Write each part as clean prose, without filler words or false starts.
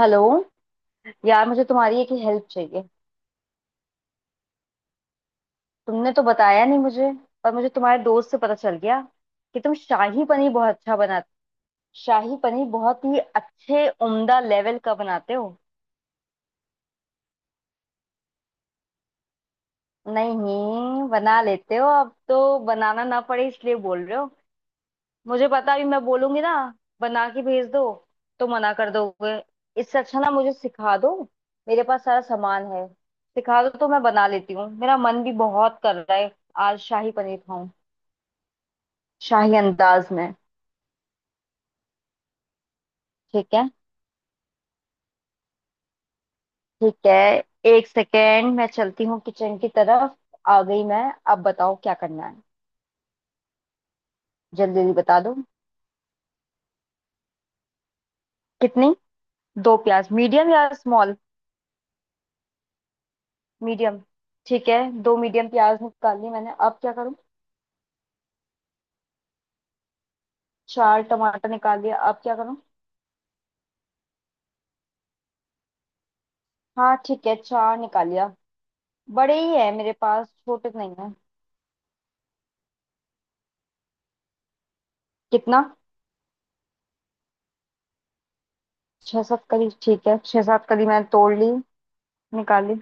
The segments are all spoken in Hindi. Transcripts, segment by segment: हेलो। यार मुझे तुम्हारी एक हेल्प चाहिए। तुमने तो बताया नहीं मुझे। पर मुझे तुम्हारे दोस्त से पता चल गया कि तुम शाही पनीर बहुत अच्छा बनाते। शाही पनीर बहुत ही अच्छे उम्दा लेवल का बनाते हो। नहीं बना लेते हो, अब तो बनाना ना पड़े इसलिए बोल रहे हो। मुझे पता, अभी मैं बोलूंगी ना बना के भेज दो तो मना कर दोगे। इससे अच्छा ना मुझे सिखा दो। मेरे पास सारा सामान है। सिखा दो तो मैं बना लेती हूँ, मेरा मन भी बहुत कर रहा है। आज शाही पनीर खाऊं, शाही अंदाज में। ठीक है, ठीक है। एक सेकेंड मैं चलती हूँ किचन की तरफ। आ गई मैं। अब बताओ क्या करना है? जल्दी जल्दी बता दो। कितनी? दो प्याज मीडियम या स्मॉल? मीडियम? ठीक है। दो मीडियम प्याज निकाल ली मैंने, अब क्या करूँ? चार टमाटर निकाल लिया, अब क्या करूँ? हाँ ठीक है, चार निकाल लिया। बड़े ही है मेरे पास, छोटे तो नहीं है। कितना? छह सात कली ठीक है, छह सात कली मैंने तोड़ ली। निकाल ली।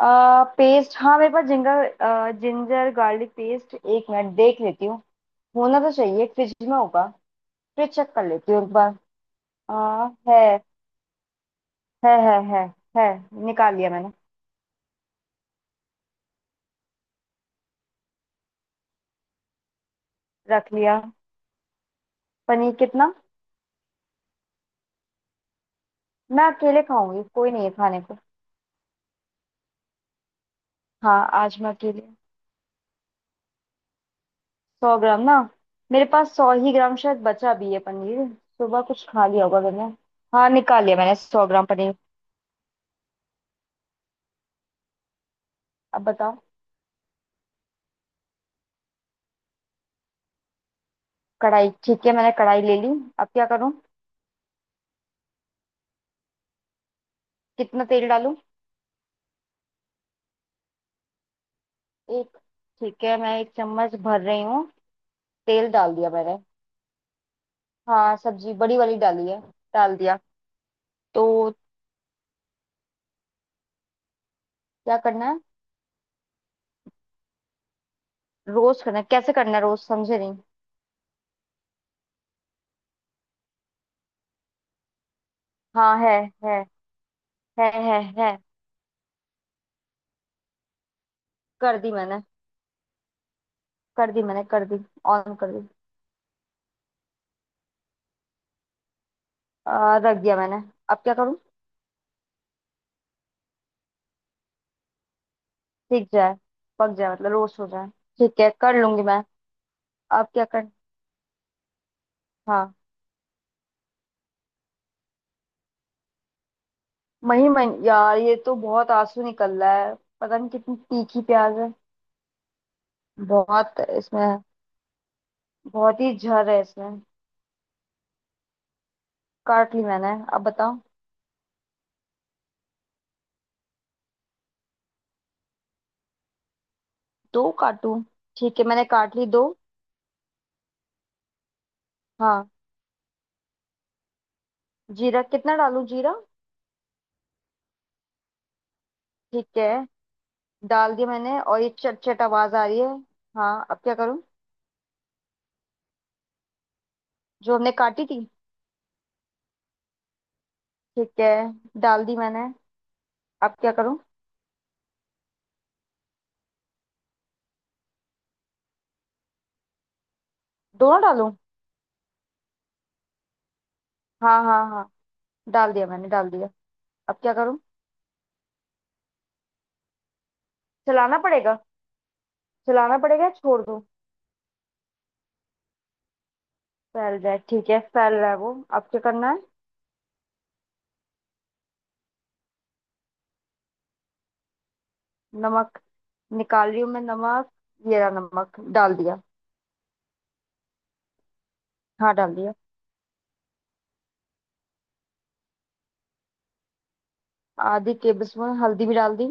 पेस्ट हाँ, मेरे पास जिंगर जिंजर गार्लिक पेस्ट, एक मिनट देख लेती हूँ। होना तो चाहिए, फ्रिज में होगा। फ्रिज चेक कर लेती हूँ एक बार। आ, है है है है है, निकाल लिया मैंने। रख लिया। पनीर कितना? मैं अकेले खाऊंगी, कोई नहीं है खाने को। हाँ, आज मैं अकेले। 100 ग्राम ना? मेरे पास सौ ही ग्राम शायद बचा भी है पनीर। सुबह कुछ खा लिया होगा मैंने। हाँ, निकाल लिया मैंने 100 ग्राम पनीर। अब बताओ। कढ़ाई ठीक है, मैंने कढ़ाई ले ली। अब क्या करूँ? कितना तेल डालूं? एक? ठीक है, मैं एक चम्मच भर रही हूँ। तेल डाल दिया मैंने। हाँ सब्जी बड़ी वाली डाली है। डाल दिया। तो क्या करना है? रोस्ट करना है, कैसे करना है रोस्ट समझे नहीं? हाँ है है है। कर दी मैंने, कर दी मैंने, कर दी। ऑन कर दी। रख दिया मैंने, अब क्या करूँ? सीख जाए, पक जाए मतलब रोस्ट हो जाए? ठीक है, कर लूंगी मैं। अब क्या कर? हाँ, मही मही यार, ये तो बहुत आंसू निकल रहा है। पता नहीं कितनी तीखी प्याज है, बहुत इसमें। बहुत ही जहर है इसमें। काट ली मैंने, अब बताओ। दो काटू? ठीक है, मैंने काट ली दो। हाँ। जीरा कितना डालूं जीरा? ठीक है, डाल दिया मैंने और ये चट चट आवाज आ रही है। हाँ अब क्या करूँ? जो हमने काटी थी? ठीक है, डाल दी मैंने। अब क्या करूँ? दोनों डालूं? हाँ हाँ हाँ। डाल दिया मैंने, डाल दिया। अब क्या करूँ? चलाना पड़ेगा? चलाना पड़ेगा या छोड़ दूँ? फैल जाए ठीक है, फैल रहा है वो। अब क्या करना है? नमक? निकाल रही हूँ मैं नमक। ये रहा नमक, डाल दिया। हाँ डाल दिया। आधी टेबल स्पून हल्दी भी डाल दी।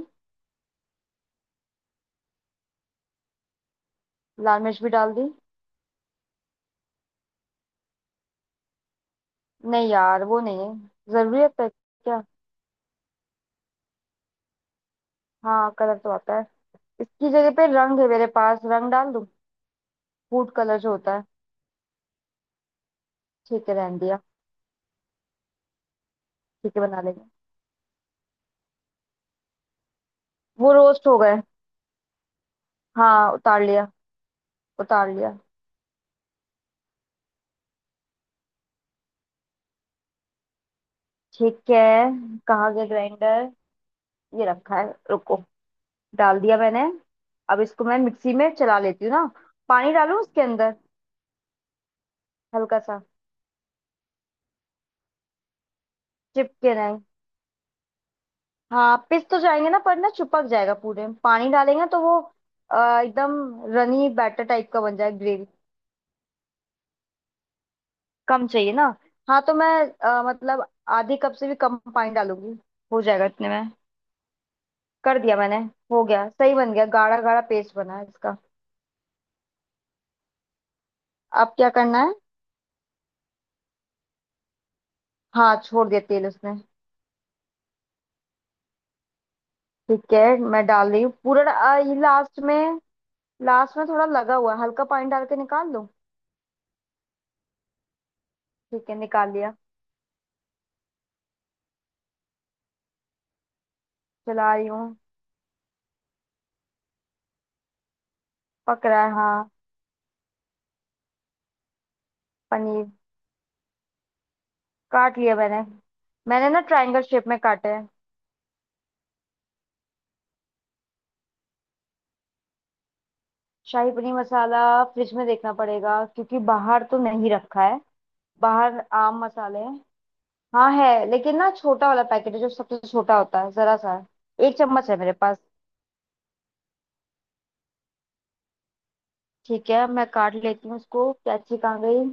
लाल मिर्च भी डाल दी। नहीं यार, वो नहीं है। जरूरत है क्या? हाँ कलर तो आता है। इसकी जगह पे रंग है मेरे पास, रंग डाल दूं? फूड कलर जो होता है। ठीक है, रहने दिया। ठीक है, बना लेंगे। वो रोस्ट हो गए? हाँ उतार लिया, उतार लिया। ठीक है। कहाँ गया ग्राइंडर? ये रखा है। रुको। डाल दिया मैंने। अब इसको मैं मिक्सी में चला लेती हूँ ना? पानी डालूं उसके अंदर, हल्का सा? चिपके ना? हाँ पिस तो जाएंगे ना, पर ना चिपक जाएगा पूरे, पानी डालेंगे तो वो एकदम रनी बैटर टाइप का बन जाए ग्रेवी? कम चाहिए ना। हाँ तो मैं मतलब आधी कप से भी कम पानी डालूंगी। हो जाएगा इतने में। कर दिया मैंने। हो गया, सही बन गया, गाढ़ा गाढ़ा पेस्ट बना है इसका। अब क्या करना है? हाँ, छोड़ दिया तेल उसने। ठीक है, मैं डाल रही हूँ पूरा ये लास्ट में। लास्ट में थोड़ा लगा हुआ है, हल्का पानी डाल के निकाल लूँ? ठीक है, निकाल लिया। चला रही हूँ। पक रहा है हाँ। पनीर? काट लिया मैंने। मैंने ना ट्रायंगल शेप में काटे हैं। शाही पनीर मसाला? फ्रिज में देखना पड़ेगा क्योंकि बाहर तो नहीं रखा है। बाहर आम मसाले हैं। हाँ है, लेकिन ना छोटा वाला पैकेट है जो सबसे छोटा होता है, जरा सा है। एक चम्मच है मेरे पास। ठीक है, मैं काट लेती हूँ उसको। कैची कहाँ गई?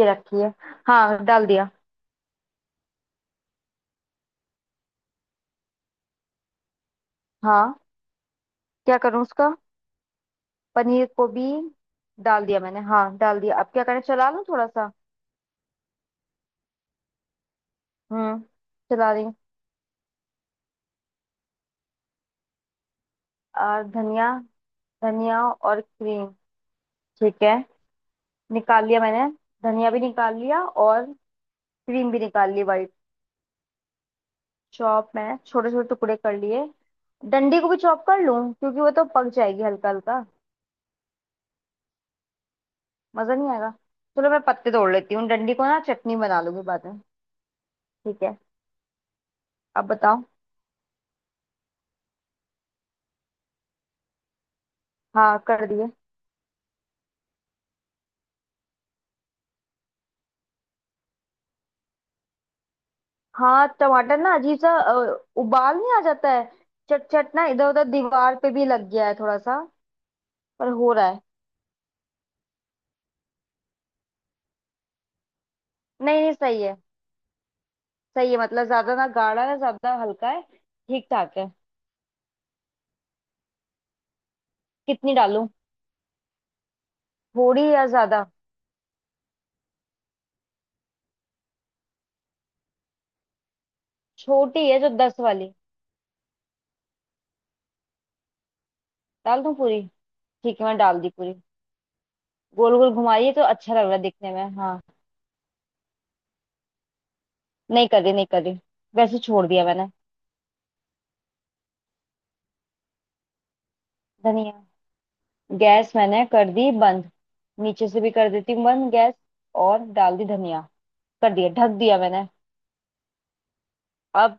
ये रखी है। हाँ डाल दिया। हाँ। क्या करूँ उसका? पनीर को भी? डाल दिया मैंने, हाँ डाल दिया। अब क्या करें, चला लूँ थोड़ा सा? हम्म, चला रही हूँ। और धनिया? धनिया और क्रीम? ठीक है। निकाल लिया मैंने, धनिया भी निकाल लिया और क्रीम भी निकाल ली वाइट। चॉप मैंने छोटे छोटे टुकड़े कर लिए। डंडी को भी चॉप कर लूं क्योंकि वो तो पक जाएगी हल्का हल्का। मजा नहीं आएगा? चलो मैं पत्ते तोड़ लेती हूँ, डंडी को ना चटनी बना लूंगी बाद में। ठीक है। अब बताओ। हाँ कर दिए। हाँ टमाटर ना अजीब सा उबाल नहीं आ जाता है? चट चट ना इधर उधर दीवार पे भी लग गया है थोड़ा सा। पर हो रहा है। नहीं नहीं, सही है। सही है मतलब, ज्यादा ना गाढ़ा है ज्यादा हल्का है, ठीक ठाक है। कितनी डालूं? थोड़ी या ज्यादा? छोटी है, जो 10 वाली। डाल दूं पूरी? ठीक है, मैं डाल दी पूरी। गोल गोल घुमाइए तो अच्छा लग रहा है दिखने में, हाँ। नहीं कर रही, नहीं कर रही। वैसे छोड़ दिया मैंने। धनिया? गैस मैंने कर दी बंद। नीचे से भी कर देती हूँ बंद गैस। और डाल दी धनिया। कर दिया, ढक दिया मैंने। अब?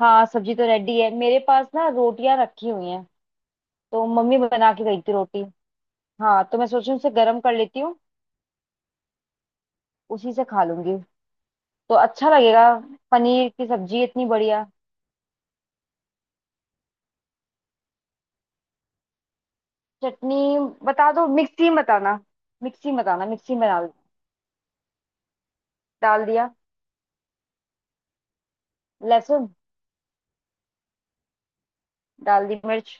हाँ सब्जी तो रेडी है, मेरे पास ना रोटियां रखी हुई हैं। तो मम्मी बना के गई थी रोटी। हाँ तो मैं सोच रही हूँ उसे गर्म कर लेती हूँ। उसी से खा लूंगी तो अच्छा लगेगा। पनीर की सब्जी इतनी बढ़िया। चटनी? बता दो मिक्सी में बताना। मिक्सी में बताना, मिक्सी में डाल। डाल दिया। लहसुन? डाल दी मिर्च।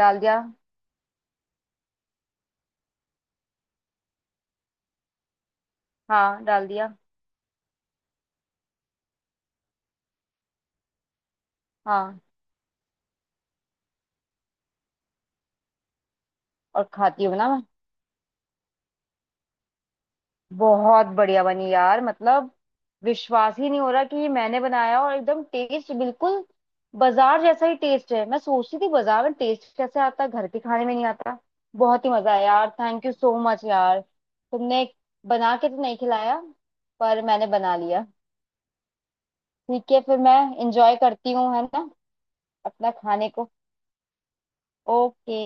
डाल दिया। हाँ डाल दिया। हाँ और खाती हूँ ना मैं। बहुत बढ़िया बनी यार, मतलब विश्वास ही नहीं हो रहा कि ये मैंने बनाया, और एकदम टेस्ट बिल्कुल बाजार जैसा ही टेस्ट है। मैं सोचती थी बाजार में टेस्ट कैसे आता है, घर के खाने में नहीं आता। बहुत ही मजा आया यार, थैंक यू सो मच यार तुमने। बना के तो नहीं खिलाया, पर मैंने बना लिया। ठीक है, फिर मैं इंजॉय करती हूँ है ना अपना खाने को। ओके।